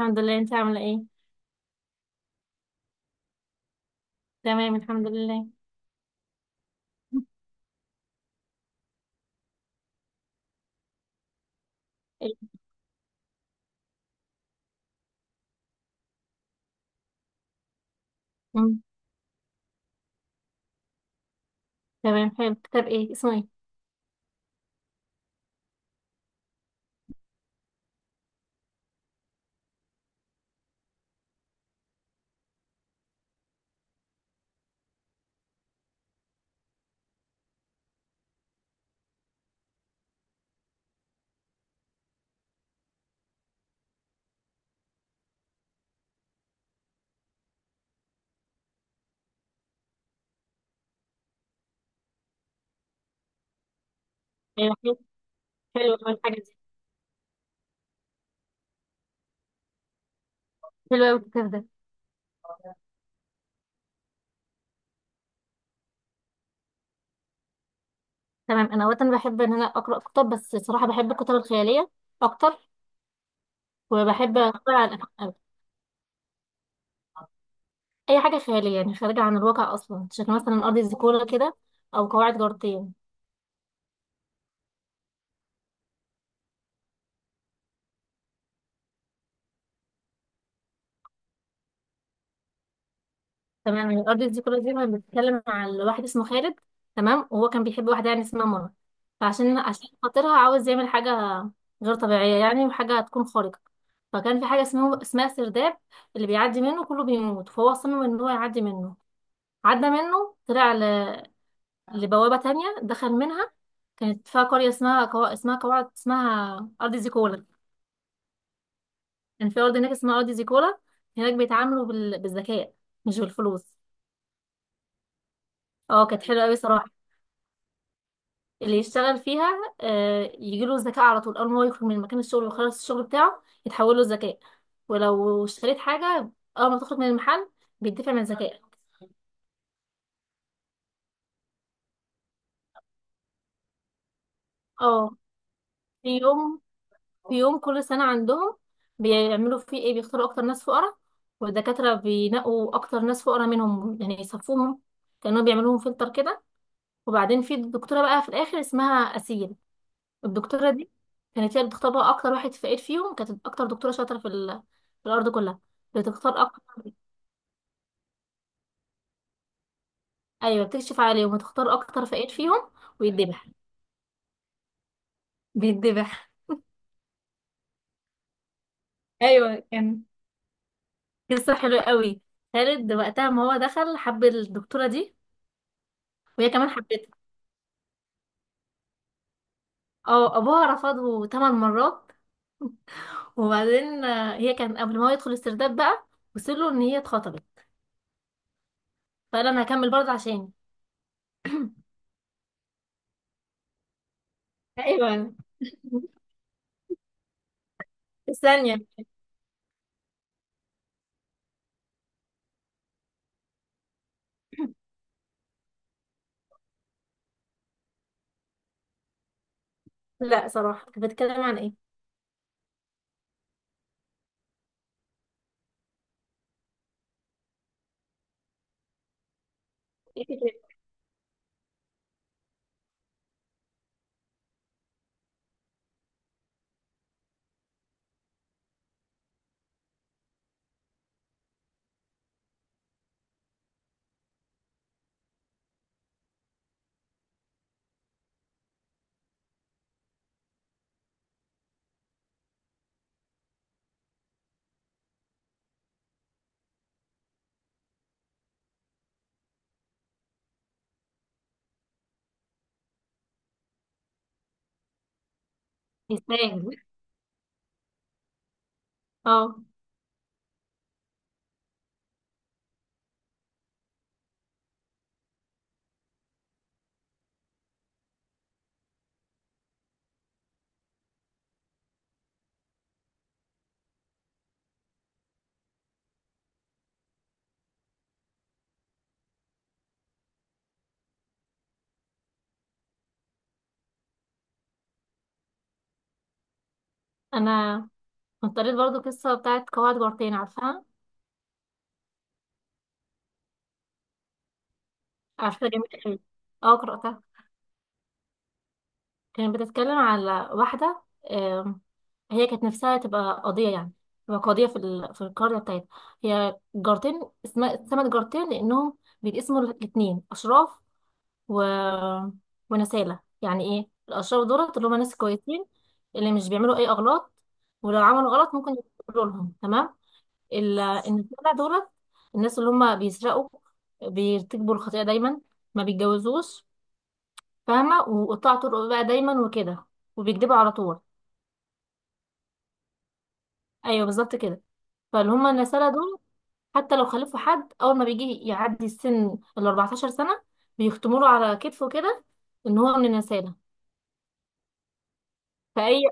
الحمد لله. انت عاملة ايه؟ تمام الحمد لله. ايه؟ مم. تمام، حلو، كتاب ايه اسمه ايه؟ ايوه حلو. حلو أوي الحاجة دي. حلو أوي الكتاب ده. تمام، انا وقتا بحب ان انا اقرا كتب، بس صراحة بحب الكتب الخيالية اكتر. وبحب اقرا عن اي حاجة خيالية، يعني خارجة عن الواقع اصلا، شكل مثلا ارض زيكولا كده، او قواعد جارتين. تمام، يعني الارض دي كلها دي كانت بتتكلم على واحد اسمه خالد. تمام، وهو كان بيحب واحده يعني اسمها منى. فعشان خاطرها عاوز يعمل حاجه غير طبيعيه، يعني وحاجه هتكون خارقه. فكان في حاجه اسمها سرداب، اللي بيعدي منه كله بيموت. فهو صمم ان هو يعدي منه. عدى منه طلع لبوابه تانية، دخل منها. كانت فيها قريه اسمها كو... اسمها قواعد اسمها ارض زيكولا. كان في ارض هناك اسمها ارض زيكولا. هناك بيتعاملوا بالذكاء مش بالفلوس. اه كانت حلوه قوي صراحه. اللي يشتغل فيها يجيله الذكاء على طول. اول ما هو يخرج من مكان الشغل ويخلص الشغل بتاعه يتحول له الذكاء. ولو اشتريت حاجة، اول ما تخرج من المحل بيدفع من الذكاء. اه. في يوم في يوم كل سنة عندهم بيعملوا فيه ايه؟ بيختاروا اكتر ناس فقراء، والدكاترة بينقوا اكتر ناس فقراء منهم، يعني يصفوهم كأنهم بيعملوهم فلتر كده. وبعدين في دكتورة بقى في الاخر اسمها أسيل. الدكتوره دي كانت هي اللي بتختار بقى اكتر واحد فقير فيهم. كانت اكتر دكتوره شاطره في الارض كلها. بتختار اكتر. ايوه بتكشف عليهم وتختار اكتر فقير فيهم. ويتذبح. بيتذبح. ايوه كان قصه حلوه قوي. خالد وقتها ما هو دخل حب الدكتوره دي. وهي كمان حبتها. اه ابوها رفضه ثمان مرات. وبعدين هي كان قبل ما هو يدخل السرداب بقى وصل له ان هي اتخطبت. فقال انا هكمل برضه عشاني. ايوه. الثانيه. لا صراحه كنت بتكلم عن ايه. يستاهل. اه. انا كنت قريت برضو قصه بتاعت قواعد جارتين، عارفاها؟ عارفاها جميله قوي. اه قراتها. كانت بتتكلم على واحده، آم، هي كانت نفسها تبقى قاضيه يعني، تبقى قاضيه في القريه بتاعتها. هي جارتين اسمها اتسمت جارتين لانهم بيتقسموا الاثنين اشراف و... ونسالة. يعني ايه الاشراف؟ دولت اللي هم ناس كويسين، اللي مش بيعملوا اي اغلاط، ولو عملوا غلط ممكن يقولوا لهم تمام. إن الجدع دولت. الناس اللي هم بيسرقوا، بيرتكبوا الخطيئة دايما، ما بيتجوزوش، فاهمة، وقطاع طرق بقى دايما وكده، وبيكذبوا على طول. أيوه بالظبط كده. فاللي هم النسالة دول، حتى لو خلفوا حد أول ما بيجي يعدي السن ال 14 سنة بيختموا له على كتفه كده إن هو من النسالة. فأي،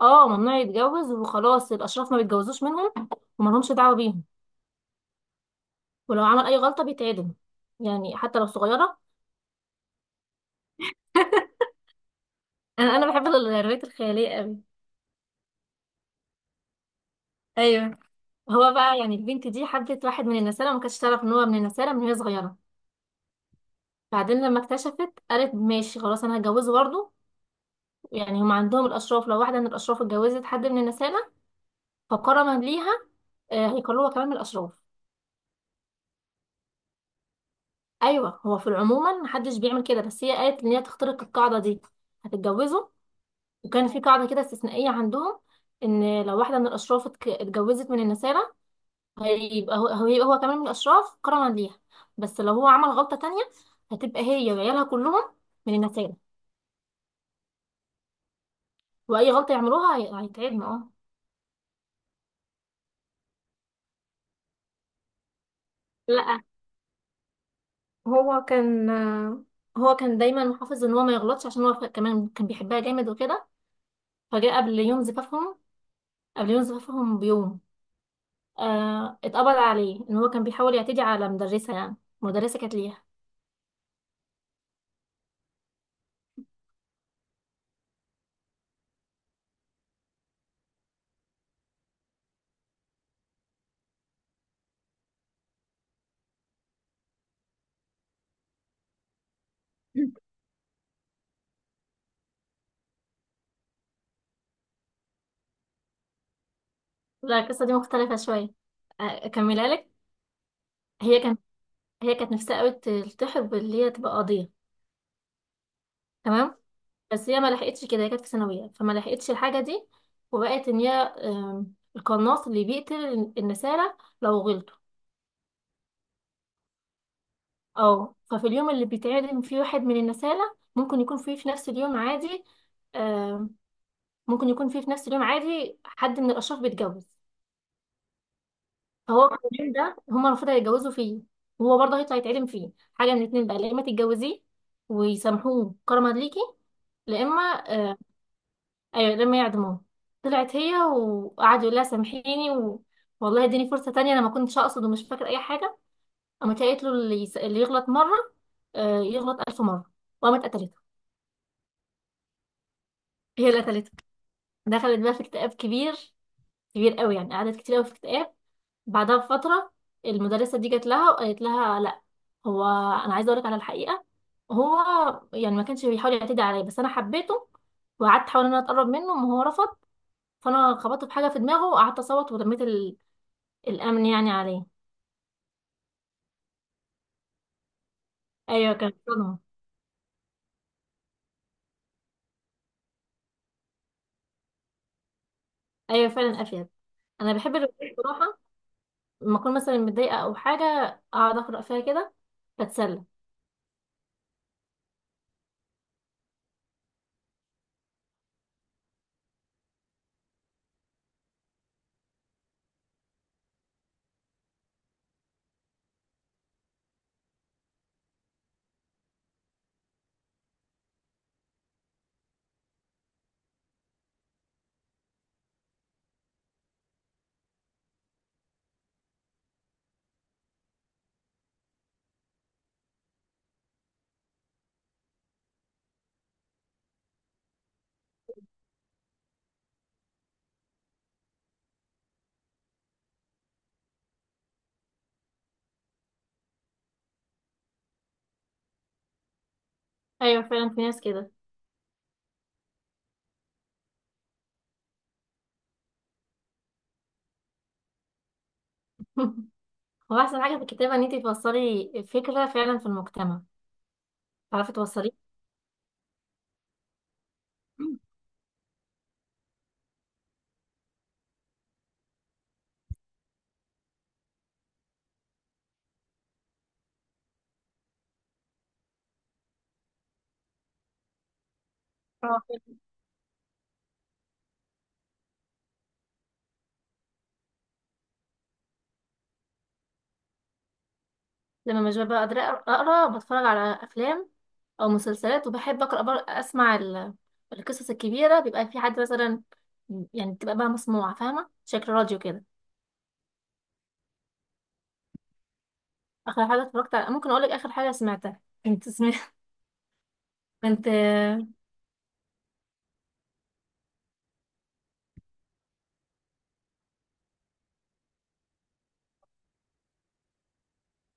اه ممنوع يتجوز وخلاص. الأشراف ما بيتجوزوش منهم ومالهمش دعوة بيهم. ولو عمل أي غلطة بيتعدم، يعني حتى لو صغيرة. انا بحب الروايات الخياليه قوي. ايوه. هو بقى يعني البنت دي حبت واحد من النسالة، ما كانتش تعرف ان هو من النسالة من وهي صغيره. بعدين لما اكتشفت قالت ماشي خلاص انا هتجوزه برضه. يعني هم عندهم الاشراف لو واحده من الاشراف اتجوزت حد من النسالة فكرما ليها هيكلوها كمان من الاشراف. ايوه هو في العموما محدش بيعمل كده بس هي قالت ان هي تخترق القاعده دي، هتتجوزه. وكان في قاعده كده استثنائيه عندهم ان لو واحده من الاشراف اتجوزت من النسالة هيبقى هيبقى هو كمان من الأشراف كرما ليها. بس لو هو عمل غلطة تانية هتبقى هي وعيالها كلهم من النتائج. وأي غلطة يعملوها هيتعبنا. اه. لا، هو كان هو كان دايما محافظ ان هو ما يغلطش عشان هو كمان كان بيحبها جامد وكده. فجاء قبل يوم زفافهم، قبل يوم زفافهم بيوم آه اتقبض عليه ان هو كان بيحاول يعتدي على مدرسة، يعني مدرسة كانت ليها. لا القصة دي مختلفة شوية. أكملها لك. هي كانت هي كانت نفسها قوي تلتحق باللي هي تبقى قاضية. تمام بس هي ما لحقتش كده. هي كانت في ثانويه فما لحقتش الحاجه دي. وبقت ان هي القناص اللي بيقتل النسالة لو غلطوا. اه. ففي اليوم اللي بيتعدم فيه واحد من النسالة ممكن يكون فيه في نفس اليوم عادي، آم، ممكن يكون فيه في نفس اليوم عادي حد من الأشراف بيتجوز. فهو في اليوم ده هما المفروض هيتجوزوا فيه، وهو برضه هيطلع يتعدم فيه. حاجة من الاتنين بقى، يا إما تتجوزيه ويسامحوه كرما ليكي، لا إما، ايوه لما يعدموه. طلعت هي وقعدوا يقول لها سامحيني والله اديني فرصه تانية، انا ما كنتش اقصد ومش فاكر اي حاجه. قامت هي قالت له اللي يغلط مره آه يغلط الف مره. وقامت قتلته. هي اللي قتلته. دخلت بقى في اكتئاب كبير، كبير قوي يعني، قعدت كتير قوي في اكتئاب. بعدها بفتره المدرسه دي جت لها وقالت لها لا، هو انا عايزه اقولك على الحقيقه. هو يعني ما كانش بيحاول يعتدي عليا، بس انا حبيته وقعدت احاول ان انا اتقرب منه وهو رفض. فانا خبطت في حاجه في دماغه وقعدت اصوت ولميت الأمن يعني عليه. أيوة كان صدمة. أيوة فعلا أفيد. أنا بحب الروايات بصراحة، لما أكون مثلا متضايقة أو حاجة أقعد أقرأ فيها كده، بتسلى. أيوة فعلا في ناس كده. هو أحسن حاجة في الكتابة إن أنتي توصلي فكرة فعلا في المجتمع، تعرفي توصليه. اه فعلا. لما مش ببقى قادرة أقرأ بتفرج على أفلام أو مسلسلات، وبحب أقرأ أسمع القصص الكبيرة، بيبقى في حد مثلا، يعني بتبقى بقى مسموعة، فاهمة شكل راديو كده. اخر حاجه اتفرجت على ممكن اقول لك اخر حاجه سمعتها، كنت سمعت، كنت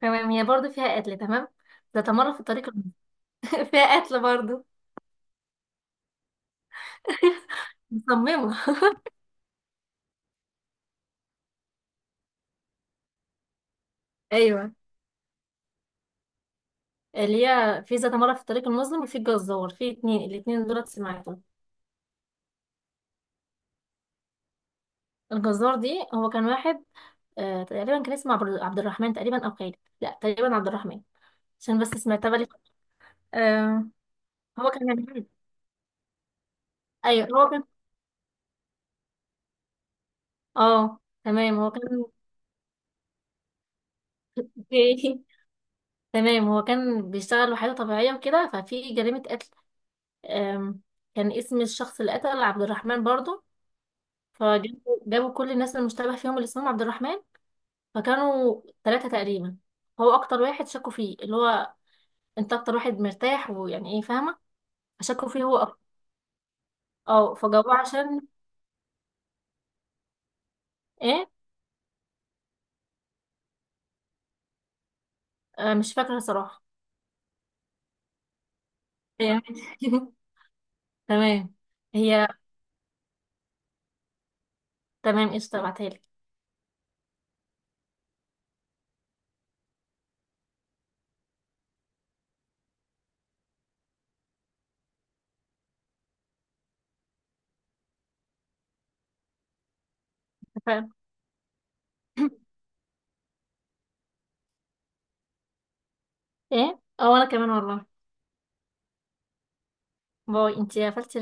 تمام هي برضه فيها قتل. تمام ده تمر في الطريق فيها قتل برضه. مصممه. ايوه اللي هي في ذات مرة في الطريق المظلم وفي الجزار، في اتنين، الاتنين دولت سمعتهم. الجزار دي هو كان واحد، آه تقريبا كان اسمه عبد الرحمن تقريبا او خالد. لا تقريبا عبد الرحمن. عشان بس سمعتها بالي. آه هو كان، ايوه هو كان، اه تمام هو كان. اوكي. تمام هو كان بيشتغل وحيدة طبيعية وكده ففي جريمة قتل، أم، كان اسم الشخص اللي قتل عبد الرحمن برضه. جابوا كل الناس المشتبه فيهم اللي اسمهم عبد الرحمن. فكانوا ثلاثة تقريبا. هو أكتر واحد شكوا فيه اللي هو أنت أكتر واحد مرتاح، ويعني إيه فاهمة. فشكوا فيه هو أكتر. أه فجابوه عشان إيه. أه مش فاكرة صراحة. يعني، تمام. هي تمام قشطة بعتهالك. اتفقنا. إيه. أه وأنا كمان والله. باي أنتي قفلتي.